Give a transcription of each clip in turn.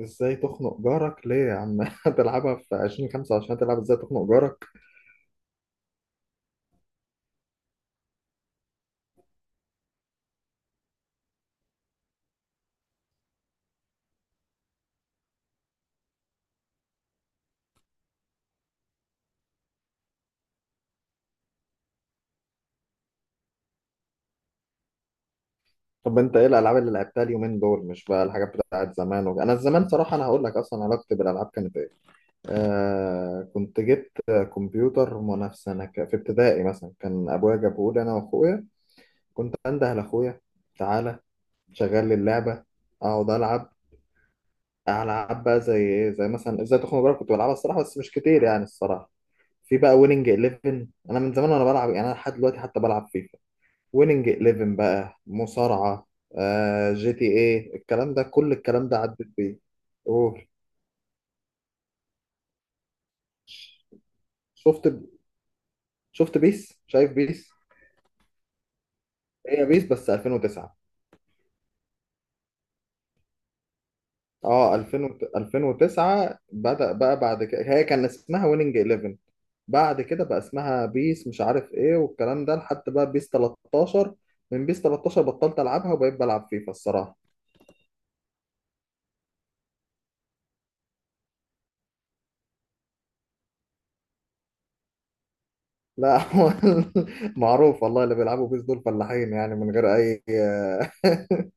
ازاي تخنق جارك؟ ليه يا عم؟ هتلعبها في 2025؟ هتلعب ازاي تخنق جارك؟ طب انت ايه الالعاب اللي لعبتها اليومين دول؟ مش بقى الحاجات بتاعت زمان انا زمان صراحه، انا هقول لك اصلا علاقتي بالالعاب كانت ايه. آه كنت جبت كمبيوتر منافسه، في ابتدائي مثلا، كان ابويا جابه لي انا واخويا. كنت انده لاخويا: تعالى، شغل لي اللعبه، اقعد العب. العب بقى زي ايه؟ زي مثلا ازاي تخنق جارك، كنت بلعبها الصراحه بس مش كتير يعني الصراحه. في بقى ويننج 11، انا من زمان وانا بلعب، يعني انا لحد دلوقتي حتى بلعب فيفا. ويننج 11 بقى، مصارعة، آه جي تي ايه، الكلام ده كل الكلام ده عدت بيه. قول. شفت؟ شفت بيس؟ شايف بيس. هي بيس، بس 2009. اه 2000 2009 بدأ بقى. بعد كده هي كان اسمها ويننج 11، بعد كده بقى اسمها بيس مش عارف ايه والكلام ده لحد بقى بيس 13. من بيس 13 بطلت العبها وبقيت بلعب فيفا الصراحة. لا هو معروف والله، اللي بيلعبوا بيس دول فلاحين يعني، من غير اي.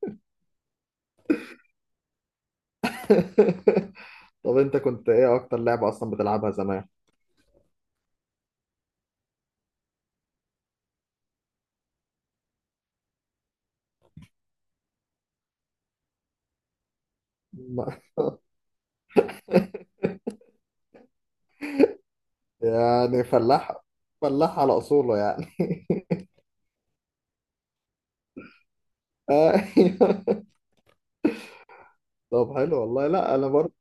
طب انت كنت ايه اكتر لعبة اصلا بتلعبها زمان؟ ما- يعني فلاح، فلاح على اصوله يعني. ايوه. طب حلو والله، لا انا برضه.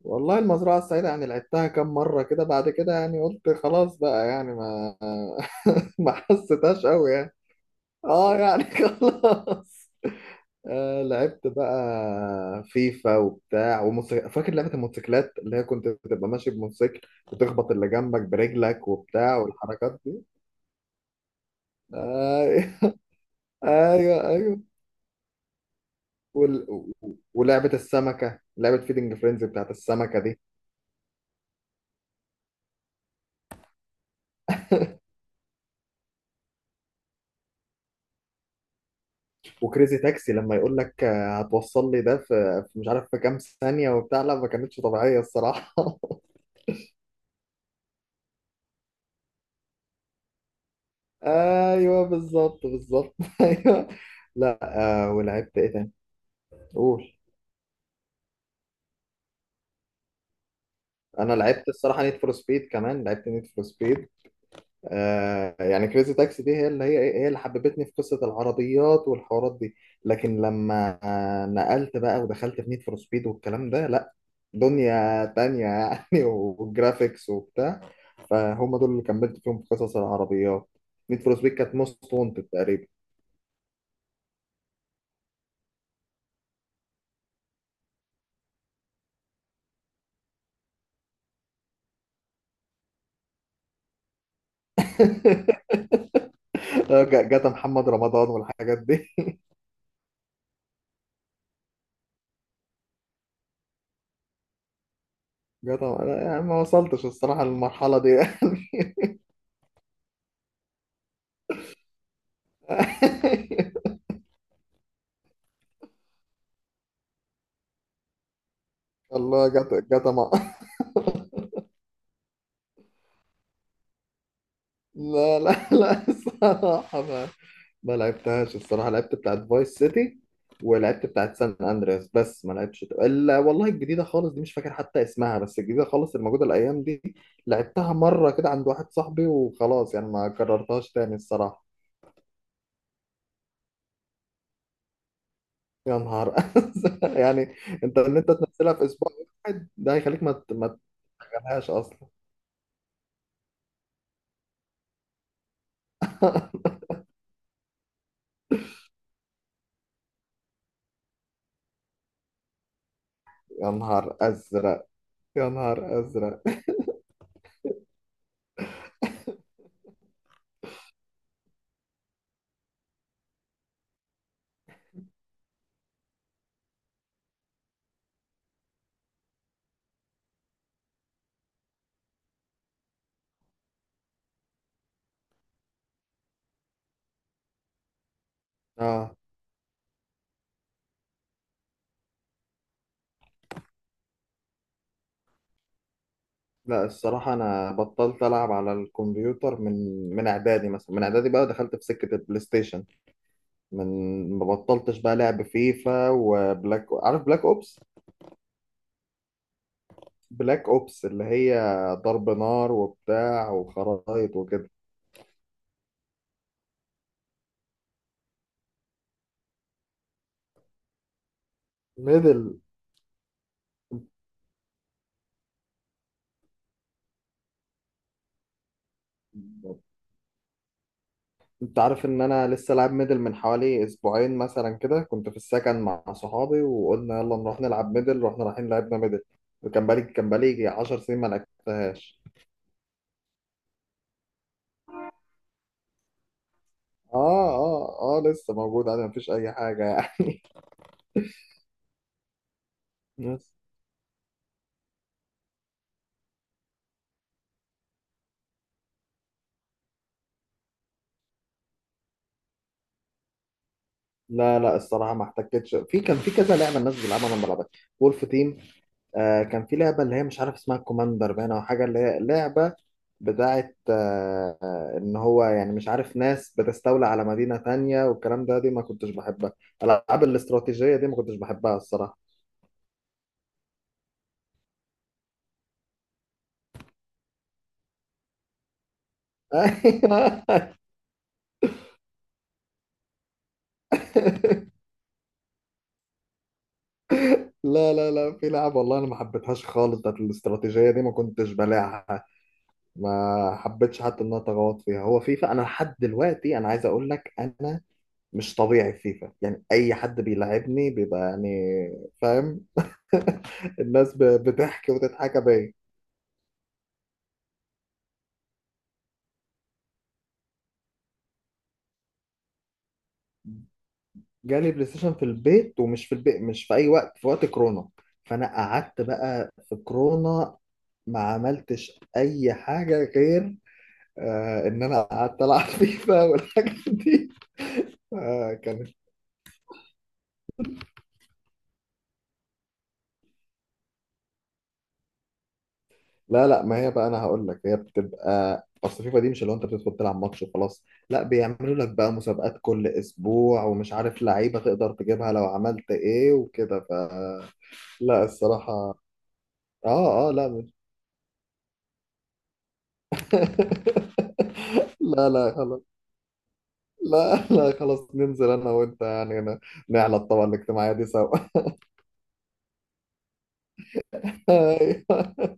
والله المزرعة السعيدة يعني لعبتها كام مرة كده، بعد كده يعني قلت خلاص بقى، يعني ما ما حسيتهاش قوي يعني. اه يعني خلاص. آه لعبت بقى فيفا وبتاع وموتوسيكل. فاكر لعبة الموتوسيكلات اللي هي كنت بتبقى ماشي بموتوسيكل وتخبط اللي جنبك برجلك وبتاع والحركات؟ ايوه، ايوه، ايوه. وال... و- ولعبه السمكه، لعبه فيدنج فرينزي بتاعت السمكه دي. وكريزي تاكسي لما يقول لك آه، هتوصل لي ده في مش عارف في كام ثانيه وبتاع، لا ما كانتش طبيعيه الصراحه. ايوه بالظبط، بالظبط، ايوه. لا، آه ولعبت ايه تاني؟ قول. انا لعبت الصراحه نيد فور سبيد، كمان لعبت نيد فور سبيد. آه، يعني كريزي تاكسي دي هي اللي هي إيه؟ هي اللي حببتني في قصة العربيات والحوارات دي. لكن لما آه، نقلت بقى ودخلت في نيد فور سبيد والكلام ده، لا، دنيا تانية يعني. والجرافيكس وبتاع، فهم دول اللي كملت فيهم في قصص العربيات. نيد فور سبيد كانت موست وانتد تقريبا. آه، جاتا محمد رمضان والحاجات دي. جاتا، أنا يعني ما وصلتش الصراحة للمرحلة دي يعني. الله، جاتا جاتا ما... لا لا لا الصراحة، ما لعبتهاش الصراحة. لعبت بتاعت فايس سيتي، ولعبت بتاعت سان اندرياس، بس ما لعبتش الا والله الجديدة خالص دي، مش فاكر حتى اسمها، بس الجديدة خالص الموجودة الايام دي. لعبتها مرة كده عند واحد صاحبي وخلاص، يعني ما كررتهاش تاني الصراحة. يا نهار أزرق، يعني انت تنزلها في اسبوع واحد، ده هيخليك ما تشغلهاش اصلا. يا نهار ازرق، يا نهار ازرق. اه لا الصراحة، أنا بطلت ألعب على الكمبيوتر من إعدادي مثلا، من إعدادي بقى دخلت في سكة البلاي ستيشن. من ما بطلتش بقى لعب فيفا وبلاك، عارف بلاك أوبس؟ بلاك أوبس اللي هي ضرب نار وبتاع وخرايط وكده. ميدل. أنت عارف إن أنا لسه لاعب ميدل من حوالي أسبوعين مثلا كده؟ كنت في السكن مع صحابي وقلنا يلا نروح نلعب ميدل، رحنا رايحين لعبنا ميدل، وكان بقالي 10 سنين ما لعبتهاش. اه، اه، اه، لسه موجود عادي مفيش اي حاجه يعني. بس لا لا الصراحه، ما احتكتش. في كان في كذا لعبه الناس بتلعبها انا ما بلعبهاش، وولف تيم. آه كان في لعبه اللي هي مش عارف اسمها كوماندر باين او حاجه، اللي هي لعبه بتاعت ان هو يعني مش عارف ناس بتستولى على مدينه تانية والكلام ده، دي ما كنتش بحبها. الالعاب الاستراتيجيه دي ما كنتش بحبها الصراحه. لا لا لا، في لعبه والله انا ما حبيتهاش خالص، بتاعت الاستراتيجيه دي ما كنتش بلاعها. ما حبيتش حتى ان انا اتغوط فيها. هو فيفا، انا لحد دلوقتي انا عايز اقول لك، انا مش طبيعي في فيفا يعني. اي حد بيلعبني بيبقى يعني فاهم. الناس بتحكي وتضحك بيا. جالي بلاي ستيشن في البيت، ومش في البيت مش في اي وقت، في وقت كورونا. فانا قعدت بقى في كورونا ما عملتش اي حاجه غير، آه، ان انا قعدت العب فيفا والحاجات دي. آه كان. لا لا، ما هي بقى انا هقول لك، هي بتبقى اصل فيفا دي مش اللي هو انت بتدخل تلعب ماتش وخلاص. لا، بيعملوا لك بقى مسابقات كل اسبوع ومش عارف لعيبه تقدر تجيبها لو عملت ايه وكده ف... لا الصراحه. اه، اه، لا مش... لا لا خلاص. لا لا خلاص، ننزل انا وانت يعني هنا، نعلى الطبقه الاجتماعيه دي سوا. أيوة.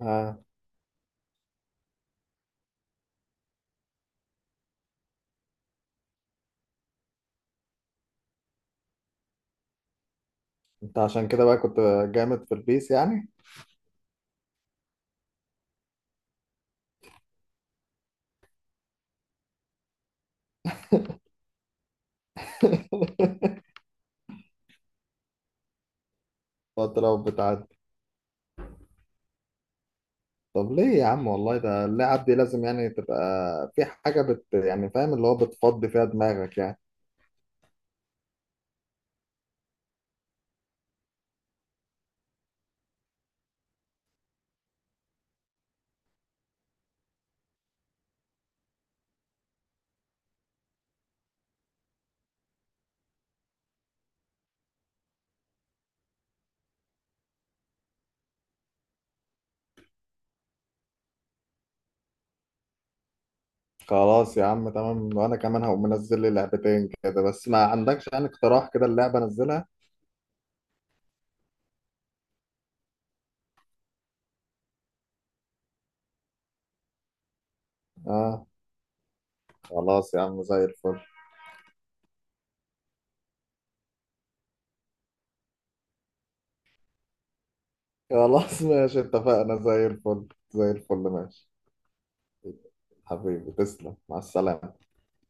آه. انت عشان كده بقى كنت جامد في البيس يعني. قلت لو بتاع. طب ليه يا عم والله؟ ده اللعب دي لازم يعني تبقى في حاجة يعني، فاهم اللي هو بتفضي فيها دماغك يعني. خلاص يا عم تمام. وانا كمان هقوم منزل لي لعبتين كده، بس ما عندكش يعني اقتراح كده اللعبة انزلها؟ اه خلاص يا عم، زي الفل. خلاص ماشي، اتفقنا، زي الفل زي الفل ماشي. حبيبي تسلم، مع السلامة.